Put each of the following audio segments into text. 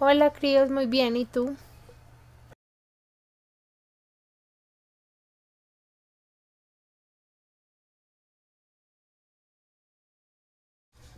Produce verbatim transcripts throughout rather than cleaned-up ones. Hola, críos, muy bien. ¿Y tú?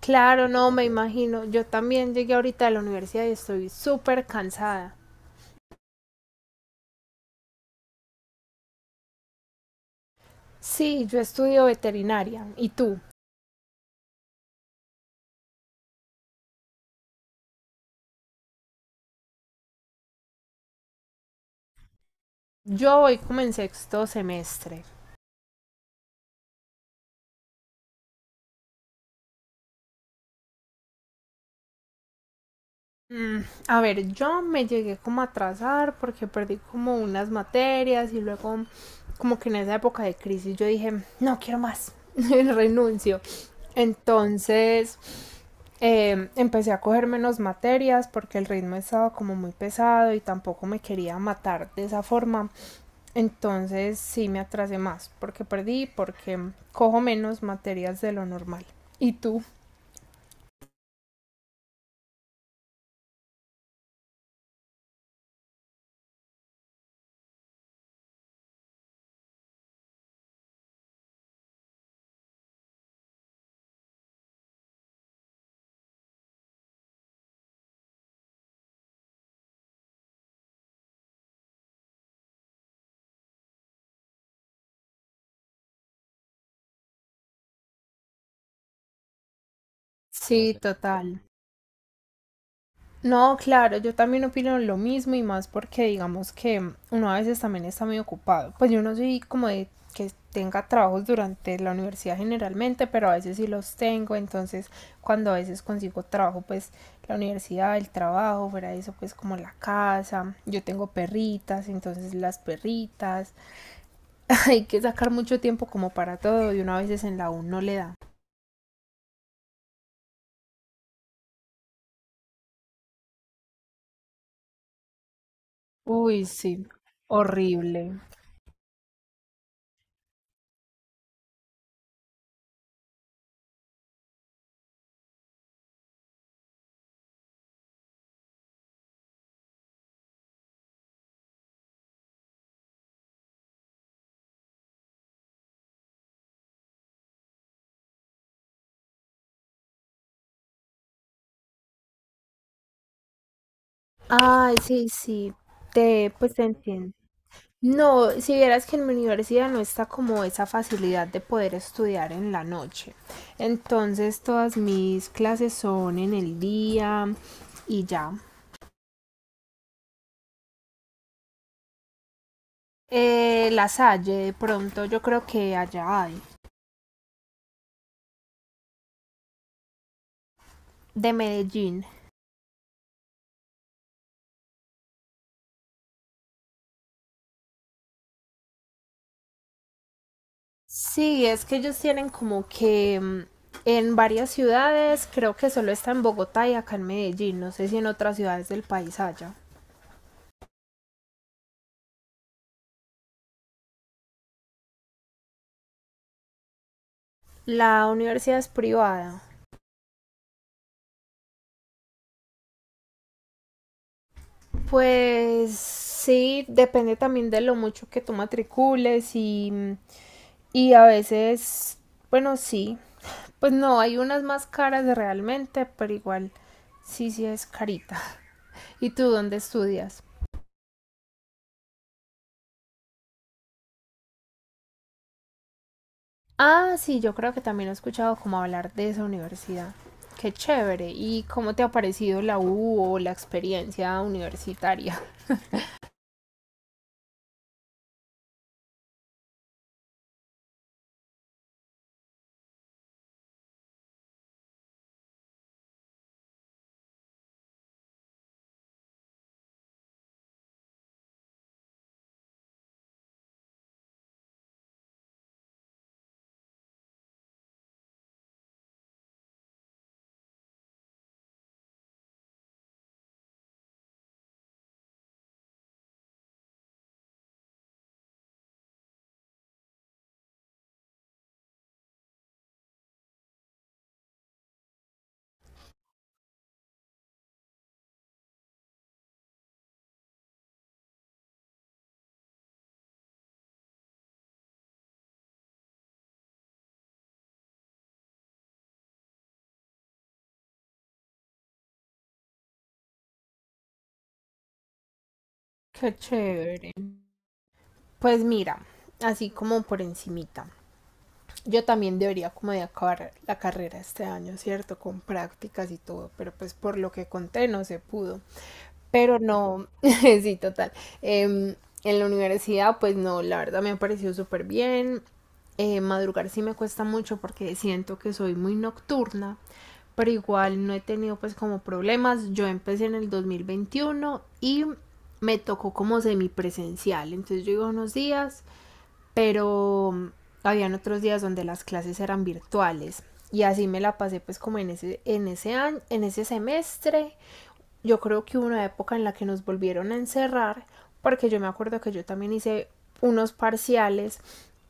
Claro, no, me imagino. Yo también llegué ahorita de la universidad y estoy súper cansada. Sí, yo estudio veterinaria. ¿Y tú? Yo hoy comencé sexto semestre. Mm, A ver, yo me llegué como a atrasar porque perdí como unas materias y luego como que en esa época de crisis yo dije, no quiero más, renuncio. Entonces eh, empecé a coger menos materias porque el ritmo estaba como muy pesado y tampoco me quería matar de esa forma. Entonces sí me atrasé más porque perdí, porque cojo menos materias de lo normal. ¿Y tú? No. Sí, sé. Total. No, claro, yo también opino lo mismo y más porque digamos que uno a veces también está muy ocupado. Pues yo no soy como de que tenga trabajos durante la universidad generalmente, pero a veces sí los tengo, entonces cuando a veces consigo trabajo, pues la universidad, el trabajo, fuera de eso, pues como la casa, yo tengo perritas, entonces las perritas, hay que sacar mucho tiempo como para todo y uno a veces en la U no le da. Uy, sí, horrible. Ay, sí, sí, te, pues te entiendo. No, si vieras que en mi universidad no está como esa facilidad de poder estudiar en la noche. Entonces todas mis clases son en el día y ya. Eh, La Salle, de pronto yo creo que allá hay, de Medellín. Sí, es que ellos tienen como que mm, en varias ciudades, creo que solo está en Bogotá y acá en Medellín, no sé si en otras ciudades del país haya. La universidad es privada. Pues sí, depende también de lo mucho que tú matricules y, y a veces, bueno, sí, pues no, hay unas más caras realmente, pero igual sí, sí es carita. ¿Y tú dónde estudias? Ah, sí, yo creo que también he escuchado como hablar de esa universidad. Qué chévere. ¿Y cómo te ha parecido la U o la experiencia universitaria? Qué chévere. Pues mira, así como por encimita. Yo también debería como de acabar la carrera este año, ¿cierto? Con prácticas y todo, pero pues por lo que conté no se pudo. Pero no, sí, total. Em, en la universidad, pues no, la verdad me ha parecido súper bien. Eh, madrugar sí me cuesta mucho porque siento que soy muy nocturna, pero igual no he tenido pues como problemas. Yo empecé en el dos mil veintiuno y me tocó como semipresencial, entonces yo iba unos días pero habían otros días donde las clases eran virtuales y así me la pasé pues como en ese, en ese año, en ese semestre yo creo que hubo una época en la que nos volvieron a encerrar, porque yo me acuerdo que yo también hice unos parciales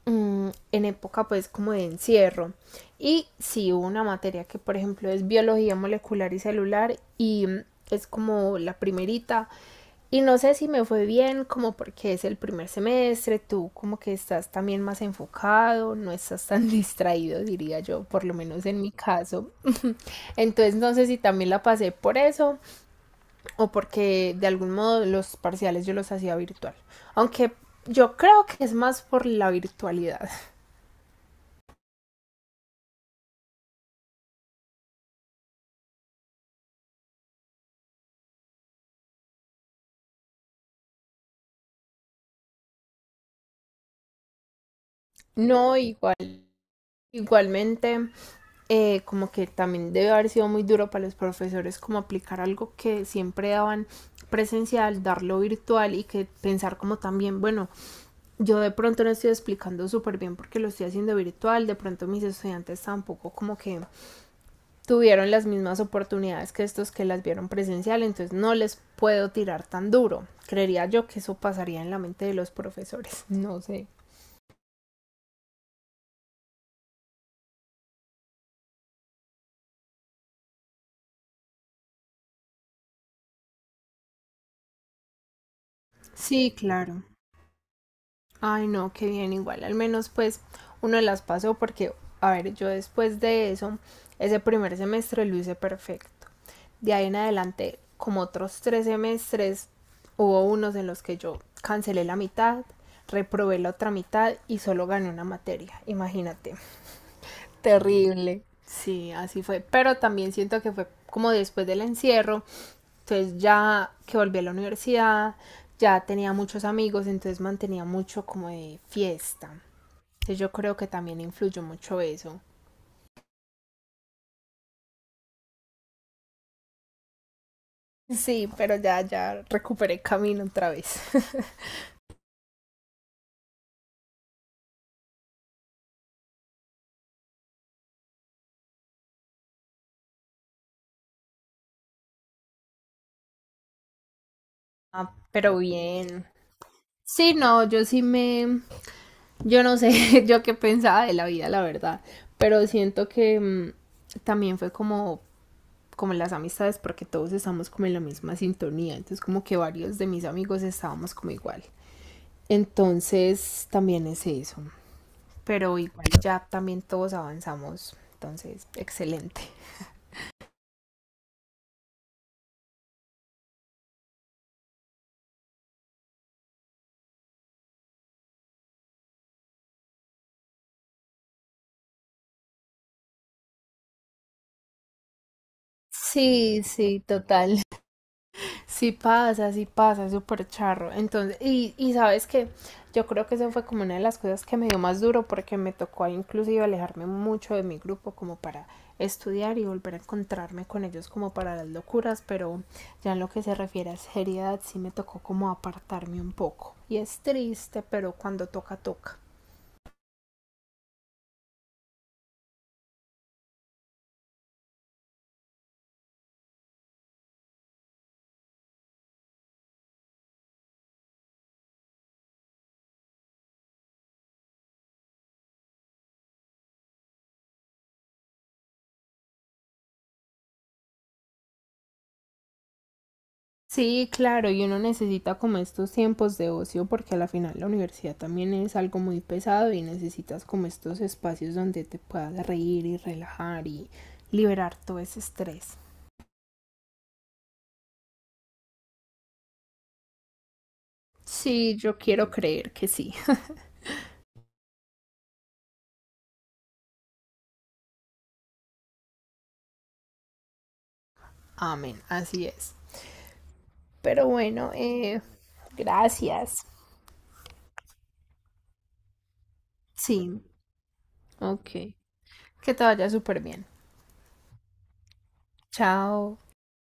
mmm, en época pues como de encierro. Y sí hubo una materia que por ejemplo es biología molecular y celular y mmm, es como la primerita. Y no sé si me fue bien, como porque es el primer semestre, tú como que estás también más enfocado, no estás tan distraído, diría yo, por lo menos en mi caso. Entonces no sé si también la pasé por eso o porque de algún modo los parciales yo los hacía virtual. Aunque yo creo que es más por la virtualidad. No igual. Igualmente, eh, como que también debe haber sido muy duro para los profesores como aplicar algo que siempre daban presencial, darlo virtual y que pensar como también, bueno, yo de pronto no estoy explicando súper bien porque lo estoy haciendo virtual, de pronto mis estudiantes tampoco como que tuvieron las mismas oportunidades que estos que las vieron presencial, entonces no les puedo tirar tan duro. Creería yo que eso pasaría en la mente de los profesores, no sé. Sí, claro. Ay, no, qué bien, igual, al menos pues uno las pasó porque, a ver, yo después de eso, ese primer semestre lo hice perfecto. De ahí en adelante, como otros tres semestres, hubo unos en los que yo cancelé la mitad, reprobé la otra mitad y solo gané una materia, imagínate. Terrible. Sí, así fue. Pero también siento que fue como después del encierro. Entonces ya que volví a la universidad, ya tenía muchos amigos, entonces mantenía mucho como de fiesta. Entonces yo creo que también influyó mucho eso. Sí, pero ya, ya recuperé camino otra vez. Ah, pero bien. Sí, no, yo sí me... Yo no sé yo qué pensaba de la vida, la verdad. Pero siento que mm, también fue como como las amistades porque todos estamos como en la misma sintonía, entonces como que varios de mis amigos estábamos como igual. Entonces también es eso, pero igual ya también todos avanzamos, entonces excelente. Sí, sí, total. Sí pasa, sí pasa, es súper charro. Entonces, y, y sabes que yo creo que eso fue como una de las cosas que me dio más duro porque me tocó ahí inclusive alejarme mucho de mi grupo como para estudiar y volver a encontrarme con ellos como para las locuras, pero ya en lo que se refiere a seriedad sí me tocó como apartarme un poco. Y es triste, pero cuando toca, toca. Sí, claro, y uno necesita como estos tiempos de ocio porque a la final la universidad también es algo muy pesado y necesitas como estos espacios donde te puedas reír y relajar y liberar todo ese estrés. Sí, yo quiero creer que sí. Amén, así es. Pero bueno, eh, gracias. Sí, ok. Que te vaya súper bien. Chao.